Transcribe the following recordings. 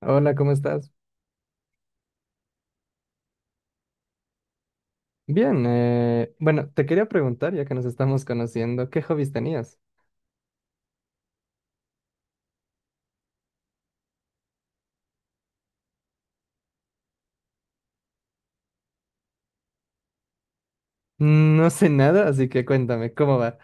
Hola, ¿cómo estás? Bien, bueno, te quería preguntar, ya que nos estamos conociendo, ¿qué hobbies tenías? No sé nada, así que cuéntame, ¿cómo va?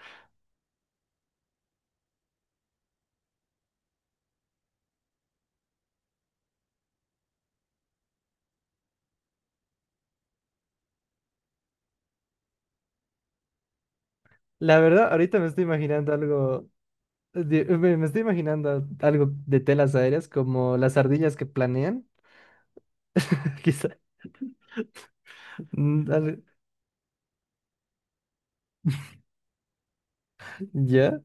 La verdad, ahorita me estoy imaginando algo. Me estoy imaginando algo de telas aéreas, como las ardillas que planean, quizá. Mm, al- Ya,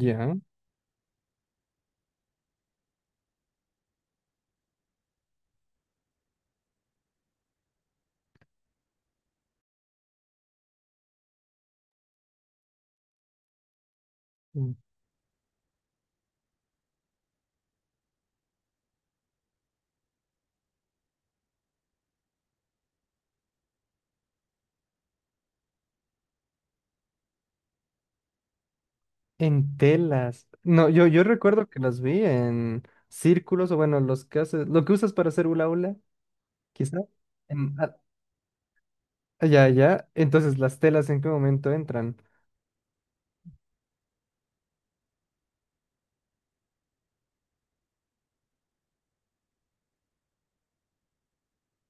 ya. Mm. En telas. No, yo recuerdo que las vi en círculos, o bueno, los que haces, lo que usas para hacer hula hula, quizá. Ya, ya. Entonces, ¿las telas en qué momento entran?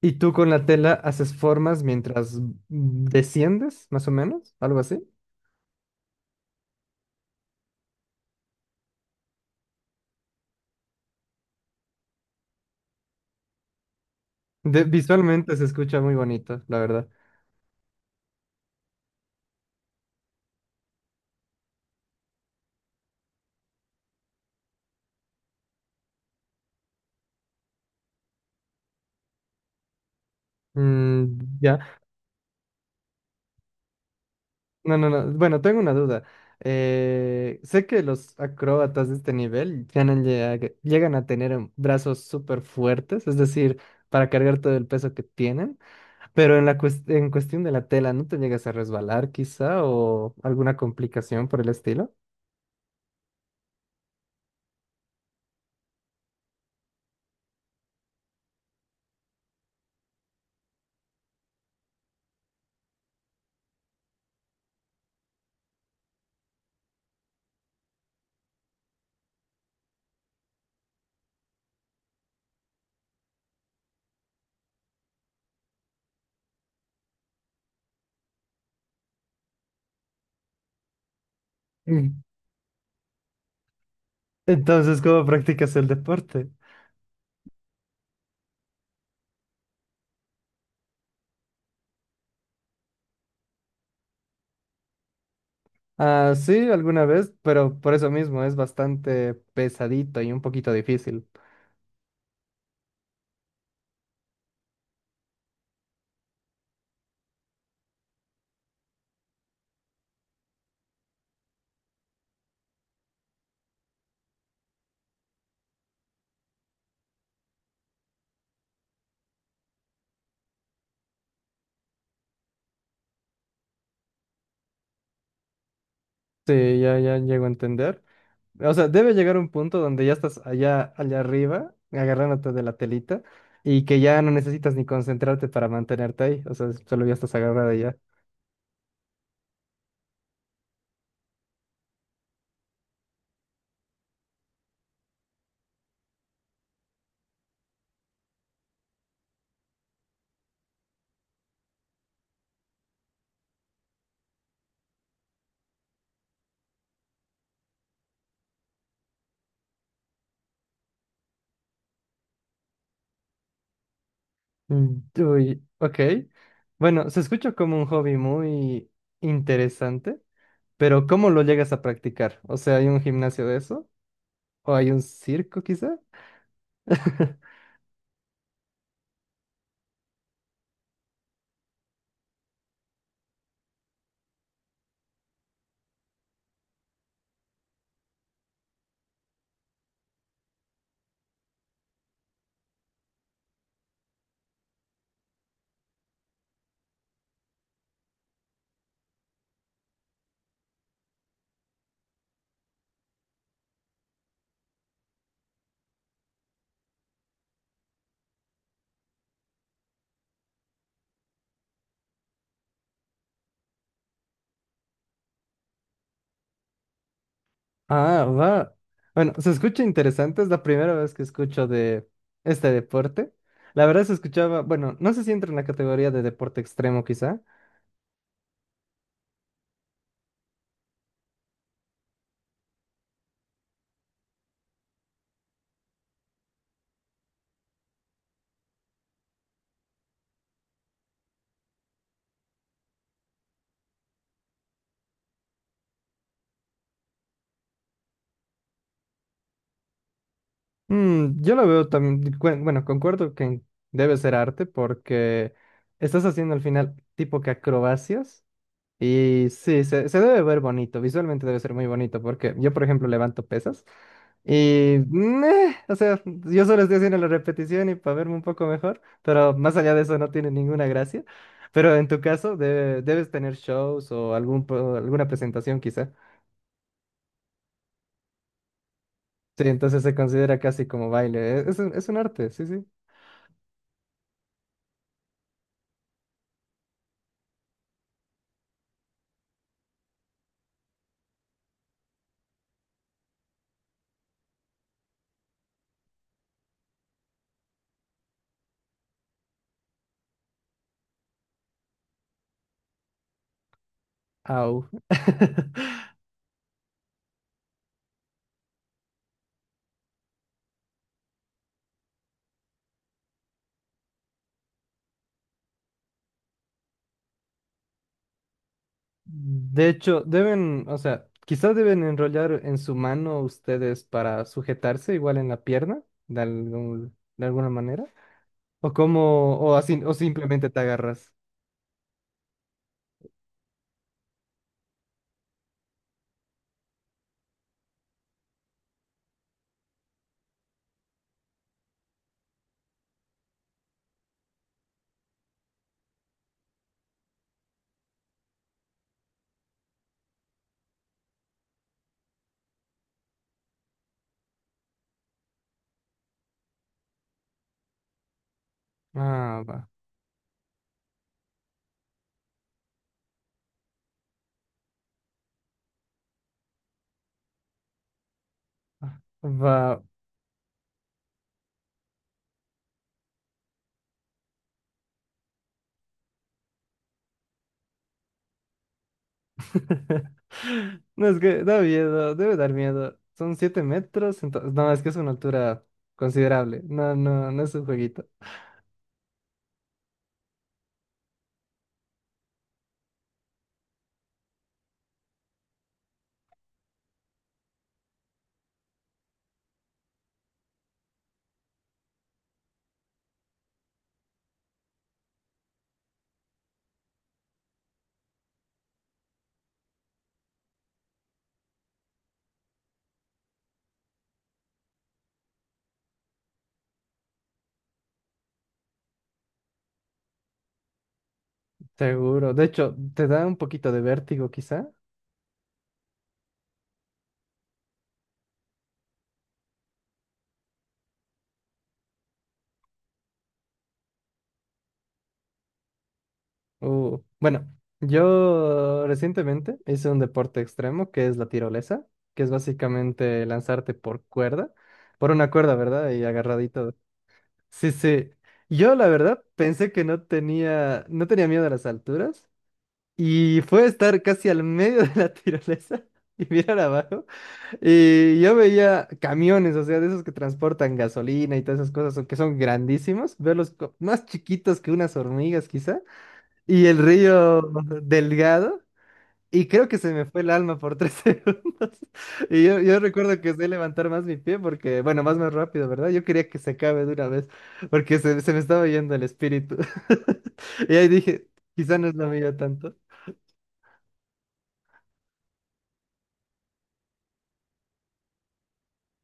¿Y tú con la tela haces formas mientras desciendes, más o menos? ¿Algo así? De- visualmente se escucha muy bonito, la verdad. Ya. No, no, no. Bueno, tengo una duda. Sé que los acróbatas de este nivel llegan a tener brazos súper fuertes, es decir, para cargar todo el peso que tienen, pero en cuestión de la tela, ¿no te llegas a resbalar quizá o alguna complicación por el estilo? Mm. Entonces, ¿cómo practicas el deporte? Ah, sí, alguna vez, pero por eso mismo es bastante pesadito y un poquito difícil. Sí, ya, ya llego a entender. O sea, debe llegar un punto donde ya estás allá, allá arriba, agarrándote de la telita, y que ya no necesitas ni concentrarte para mantenerte ahí. O sea, solo ya estás agarrado allá. Uy, ok. Bueno, se escucha como un hobby muy interesante, pero ¿cómo lo llegas a practicar? O sea, ¿hay un gimnasio de eso? ¿O hay un circo quizá? Ah, va. Bueno, se escucha interesante, es la primera vez que escucho de este deporte. La verdad se escuchaba, bueno, no sé si entra en la categoría de deporte extremo quizá. Yo lo veo también. Bueno, concuerdo que debe ser arte porque estás haciendo al final tipo que acrobacias. Y sí, se debe ver bonito, visualmente debe ser muy bonito, porque yo, por ejemplo, levanto pesas y, meh, o sea, yo solo estoy haciendo la repetición y para verme un poco mejor, pero más allá de eso no tiene ninguna gracia. Pero en tu caso, debes tener shows o alguna presentación quizá. Sí, entonces se considera casi como baile. Es un arte, sí, sí. Au. De hecho, deben, o sea, quizás deben enrollar en su mano ustedes para sujetarse igual en la pierna, de alguna manera. O como, o así, o simplemente te agarras. Ah, va. Ah, va. No, es que da miedo, debe dar miedo. Son 7 metros, entonces, no, es que es una altura considerable. No, no, no es un jueguito. Seguro. De hecho, te da un poquito de vértigo quizá. Bueno, yo recientemente hice un deporte extremo que es la tirolesa, que es básicamente lanzarte por cuerda, por una cuerda, ¿verdad? Y agarradito. Sí, sí. Yo la verdad pensé que no tenía, no tenía miedo a las alturas, y fue estar casi al medio de la tirolesa y mirar abajo y yo veía camiones, o sea, de esos que transportan gasolina y todas esas cosas, o que son grandísimos, más chiquitos que unas hormigas quizá. Y el río delgado. Y creo que se me fue el alma por 3 segundos. Y yo recuerdo que sé levantar más mi pie porque, bueno, más rápido, ¿verdad? Yo quería que se acabe de una vez porque se me estaba yendo el espíritu. Y ahí dije, quizá no es lo mío tanto.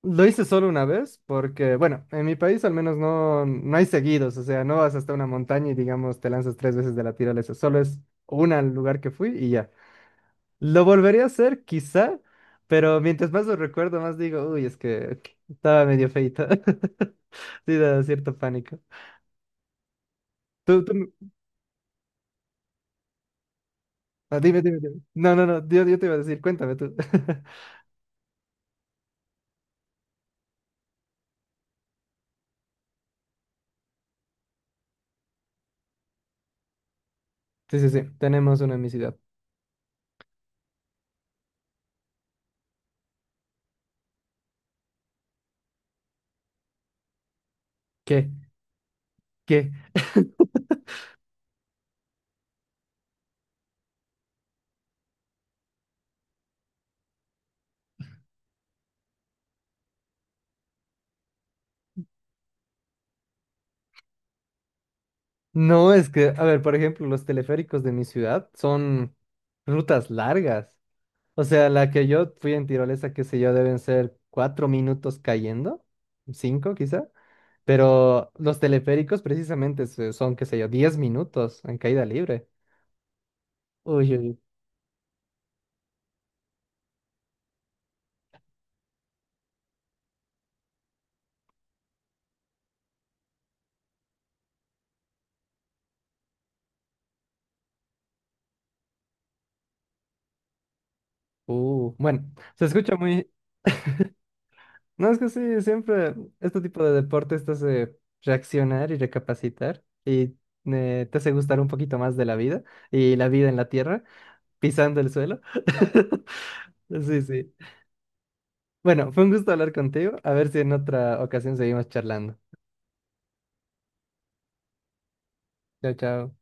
Lo hice solo una vez porque, bueno, en mi país al menos no, no hay seguidos, o sea, no vas hasta una montaña y digamos te lanzas 3 veces de la tirolesa, solo es una al lugar que fui y ya. Lo volvería a hacer, quizá, pero mientras más lo recuerdo, más digo, uy, es que estaba medio feito. Sí, da cierto pánico. Tú, tú, me- ah, dime, dime, dime. No, no, no, yo te iba a decir, cuéntame tú. Sí, sí, sí, tenemos una en mi ciudad. ¿Qué? ¿Qué? No, es que, a ver, por ejemplo, los teleféricos de mi ciudad son rutas largas. O sea, la que yo fui en tirolesa, qué sé yo, deben ser 4 minutos cayendo, cinco quizá. Pero los teleféricos son, qué sé yo, 10 minutos en caída libre. Uy, uy. Bueno, se escucha muy... No, es que sí, siempre este tipo de deportes te hace reaccionar y recapacitar y te hace gustar un poquito más de la vida y la vida en la tierra, pisando el suelo. Sí, sí. Bueno, fue un gusto hablar contigo. A ver si en otra ocasión seguimos charlando. Chao, chao.